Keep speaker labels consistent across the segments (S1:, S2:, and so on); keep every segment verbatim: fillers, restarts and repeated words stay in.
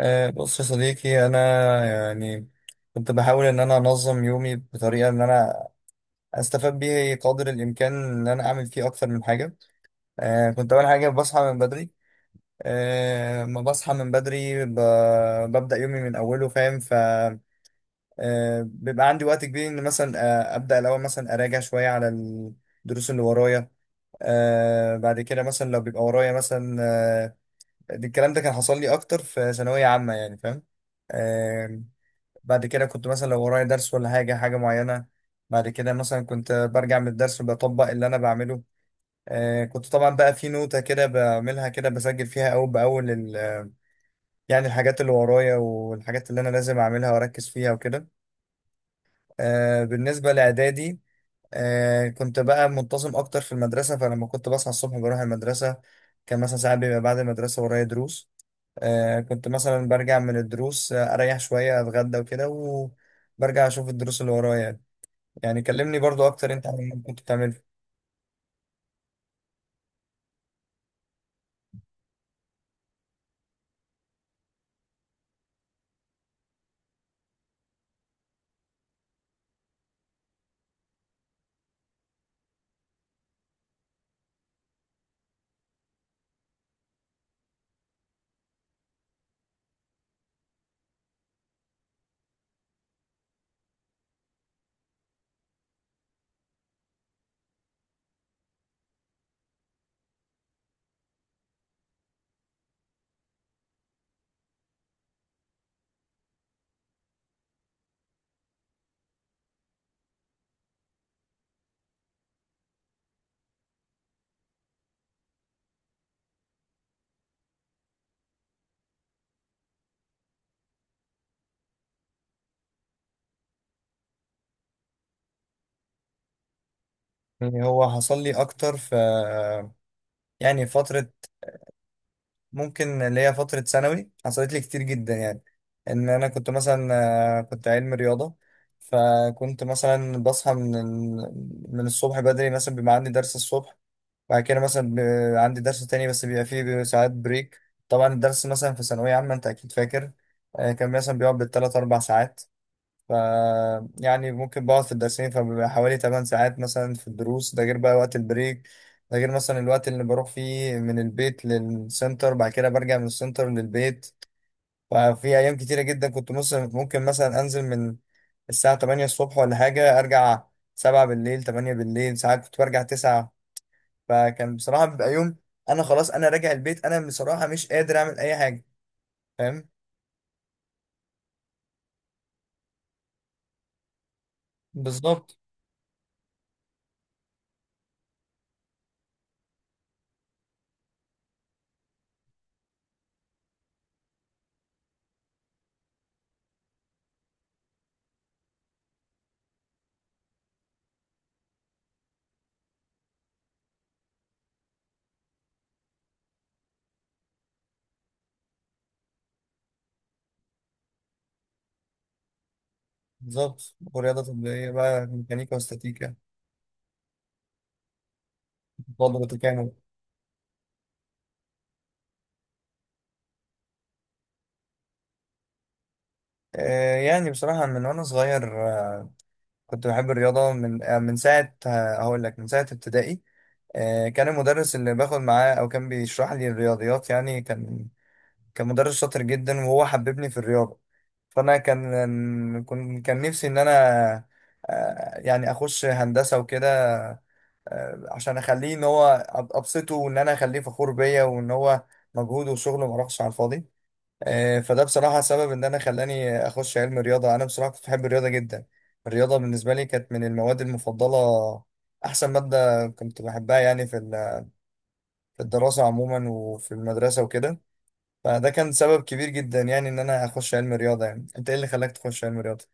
S1: أه بص يا صديقي انا، يعني كنت بحاول ان انا انظم يومي بطريقه ان انا استفاد بيه قدر الامكان ان انا اعمل فيه اكتر من حاجه. أه كنت اول حاجه بصحى من بدري. أه ما بصحى من بدري ب... ببدا يومي من اوله، فاهم؟ ف أه بيبقى عندي وقت كبير ان مثلا آه، ابدا الاول مثلا اراجع شويه على الدروس اللي ورايا. أه بعد كده مثلا لو بيبقى ورايا مثلا أه الكلام ده كان حصل لي اكتر في ثانويه عامه، يعني فاهم؟ آه، بعد كده كنت مثلا لو ورايا درس ولا حاجة حاجة معينة، بعد كده مثلا كنت برجع من الدرس بطبق اللي أنا بعمله. آه كنت طبعا بقى في نوتة كده بعملها، كده بسجل فيها أول بأول ال- آه، يعني الحاجات اللي ورايا والحاجات اللي أنا لازم أعملها وأركز فيها وكده. آه بالنسبة لإعدادي، آه كنت بقى منتظم أكتر في المدرسة، فلما كنت بصحى الصبح بروح المدرسة. كان مثلا ساعات بيبقى بعد المدرسة ورايا دروس. آه كنت مثلا برجع من الدروس، آه، اريح شوية، اتغدى وكده، وبرجع اشوف الدروس اللي ورايا يعني. يعني كلمني برضو اكتر انت عن اللي كنت بتعمله. يعني هو حصل لي اكتر في يعني فترة ممكن اللي هي فترة ثانوي حصلت لي كتير جدا يعني، ان انا كنت مثلا آه، كنت علم رياضة. فكنت مثلا بصحى من من الصبح بدري، مثلا بيبقى عندي درس الصبح. بعد كده مثلا ب- عندي درس تاني، بس بيبقى فيه بيبقى ساعات بريك. طبعا الدرس مثلا في ثانوية عامة أنت أكيد فاكر، آه، كان مثلا بيقعد بالتلات أربع ساعات. ف يعني ممكن بقعد في الدرسين فبيبقى حوالي تمن ساعات مثلا في الدروس، ده غير بقى وقت البريك، ده غير مثلا الوقت اللي بروح فيه من البيت للسنتر بعد كده برجع من السنتر للبيت. ففي أيام كتيرة جدا كنت مص- ممكن مثلا أنزل من الساعة تمانية الصبح ولا حاجة، أرجع سبعة بالليل، تمانية بالليل، ساعات كنت برجع تسعة. فكان بصراحة بيبقى يوم أنا خلاص، أنا راجع البيت، أنا بصراحة مش قادر أعمل أي حاجة، فاهم؟ بالظبط، بالظبط. ورياضة تطبيقية بقى، ميكانيكا واستاتيكا. فضل تكامل. آه يعني بصراحة من وأنا صغير آه كنت بحب الرياضة من آه من ساعة، آه، هقول لك من ساعة ابتدائي. آه، كان المدرس اللي باخد معاه او كان بيشرح لي الرياضيات، يعني كان كان مدرس شاطر جدا وهو حببني في الرياضه. فانا كان كنت كان نفسي ان انا، آه، يعني اخش هندسه وكده، آه، عشان اخليه ان هو أب- ابسطه وان انا اخليه فخور بيا وان هو مجهوده وشغله ما راحش على الفاضي. آه، فده بصراحه سبب ان انا خلاني اخش علم رياضه. انا بصراحه كنت بحب الرياضه جدا، الرياضه بالنسبه لي كانت من المواد المفضله، احسن ماده كنت بحبها يعني في ال- في الدراسه عموما وفي المدرسه وكده. فده كان سبب كبير جدا يعني ان انا اخش علم رياضه. يعني انت ايه اللي خلاك تخش علم رياضه؟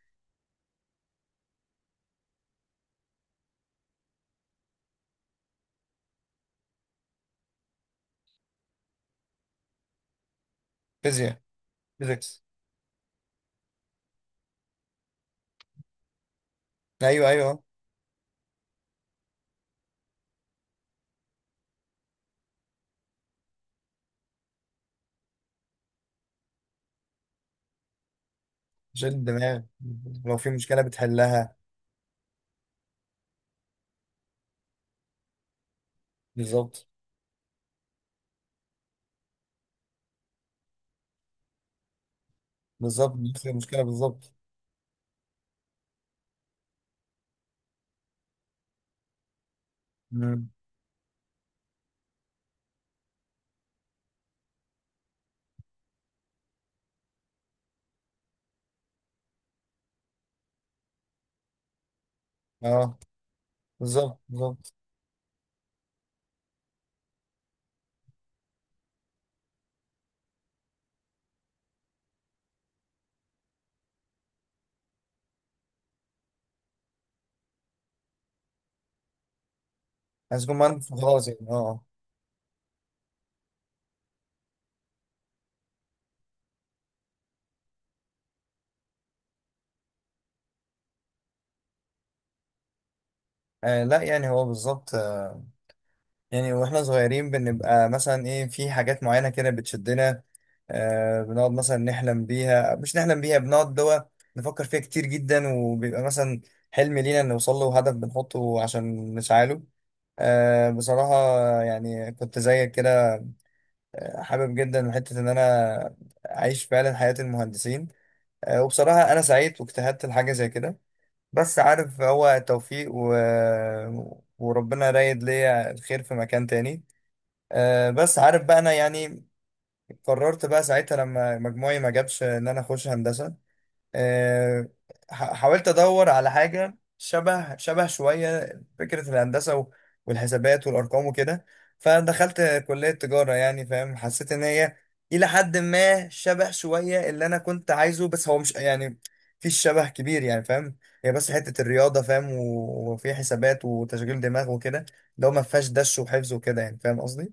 S1: فيزياء. فيزيكس. ايوه، ايوه. شيل الدماغ، لو في مشكله بتحلها. بالظبط، بالظبط، نفس المشكلة بالظبط. مم. اه، بالظبط بالظبط. عايز يكون معانا خلاص يعني، اه. آه، آه، لا يعني هو بالظبط. آه يعني واحنا صغيرين بنبقى مثلا ايه، في حاجات معينة كده بتشدنا، آه بنقعد مثلا نحلم بيها، مش نحلم بيها، بنقعد دوا نفكر فيها كتير جدا، وبيبقى مثلا حلم لينا نوصل له وهدف بنحطه عشان نسعاله. آه بصراحة يعني كنت زيك كده، حابب جدا حتة ان انا اعيش فعلا حياة المهندسين. آه، وبصراحة أنا سعيد واجتهدت لحاجة زي كده، بس عارف هو توفيق و... وربنا رايد ليا الخير في مكان تاني. آه، بس عارف بقى أنا يعني قررت بقى ساعتها لما مجموعي ما جابش إن أنا أخش هندسة. آه، ح- حاولت ادور على حاجه شبه شبه شويه فكره الهندسه و- والحسابات والارقام وكده، فدخلت كليه تجاره يعني، فاهم؟ حسيت ان هي الى حد ما شبه شويه اللي انا كنت عايزه، بس هو مش يعني في شبه كبير يعني فاهم. هي بس حته الرياضه فاهم، و- وفي حسابات وتشغيل دماغ وكده، لو ما فيهاش دش وحفظ وكده يعني، فاهم قصدي؟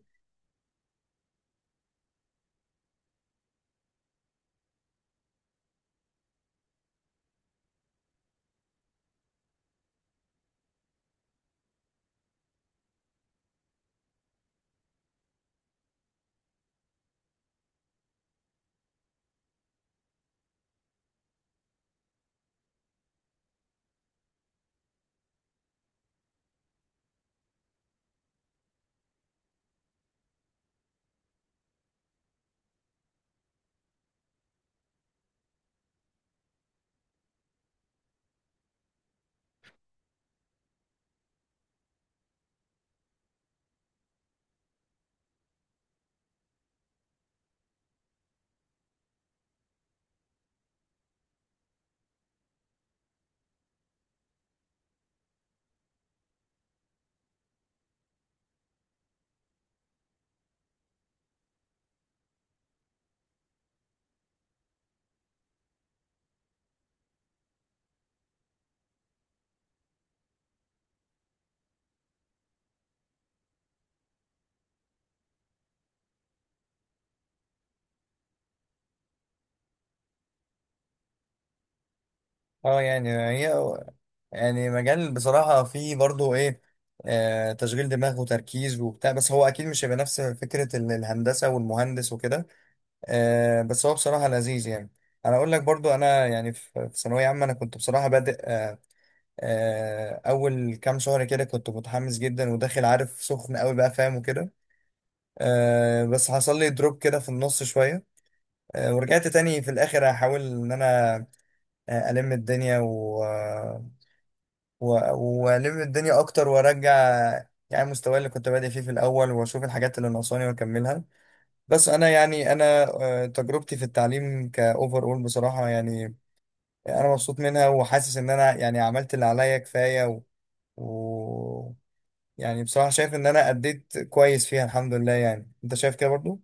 S1: اه يعني هي يعني مجال بصراحة فيه برضو ايه، آه تشغيل دماغ وتركيز وبتاع، بس هو اكيد مش هيبقى نفس فكرة ال- الهندسة والمهندس وكده. آه بس هو بصراحة لذيذ يعني. انا اقول لك برضو، انا يعني في في ثانوية عامة انا كنت بصراحة بادئ، آه آه اول كام شهر كده كنت متحمس جدا وداخل عارف سخن قوي بقى فاهم وكده. آه بس حصل لي دروب كده في النص شوية. آه ورجعت تاني في الاخر احاول ان انا، آه، الم الدنيا و- والم الدنيا اكتر وارجع يعني مستواي اللي كنت بادئ فيه في الاول واشوف الحاجات اللي ناقصاني واكملها. بس انا يعني انا آه، تجربتي في التعليم كاوفر اول بصراحه يعني انا مبسوط منها وحاسس ان انا يعني عملت اللي عليا كفايه و... و... يعني بصراحه شايف ان انا اديت كويس فيها الحمد لله. يعني انت شايف كده برضو؟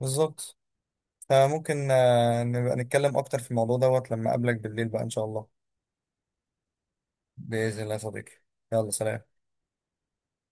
S1: بالظبط. فممكن آه، نبقى نتكلم اكتر في الموضوع دوت لما اقابلك بالليل بقى ان شاء الله. باذن الله يا صديقي. يلا سلام.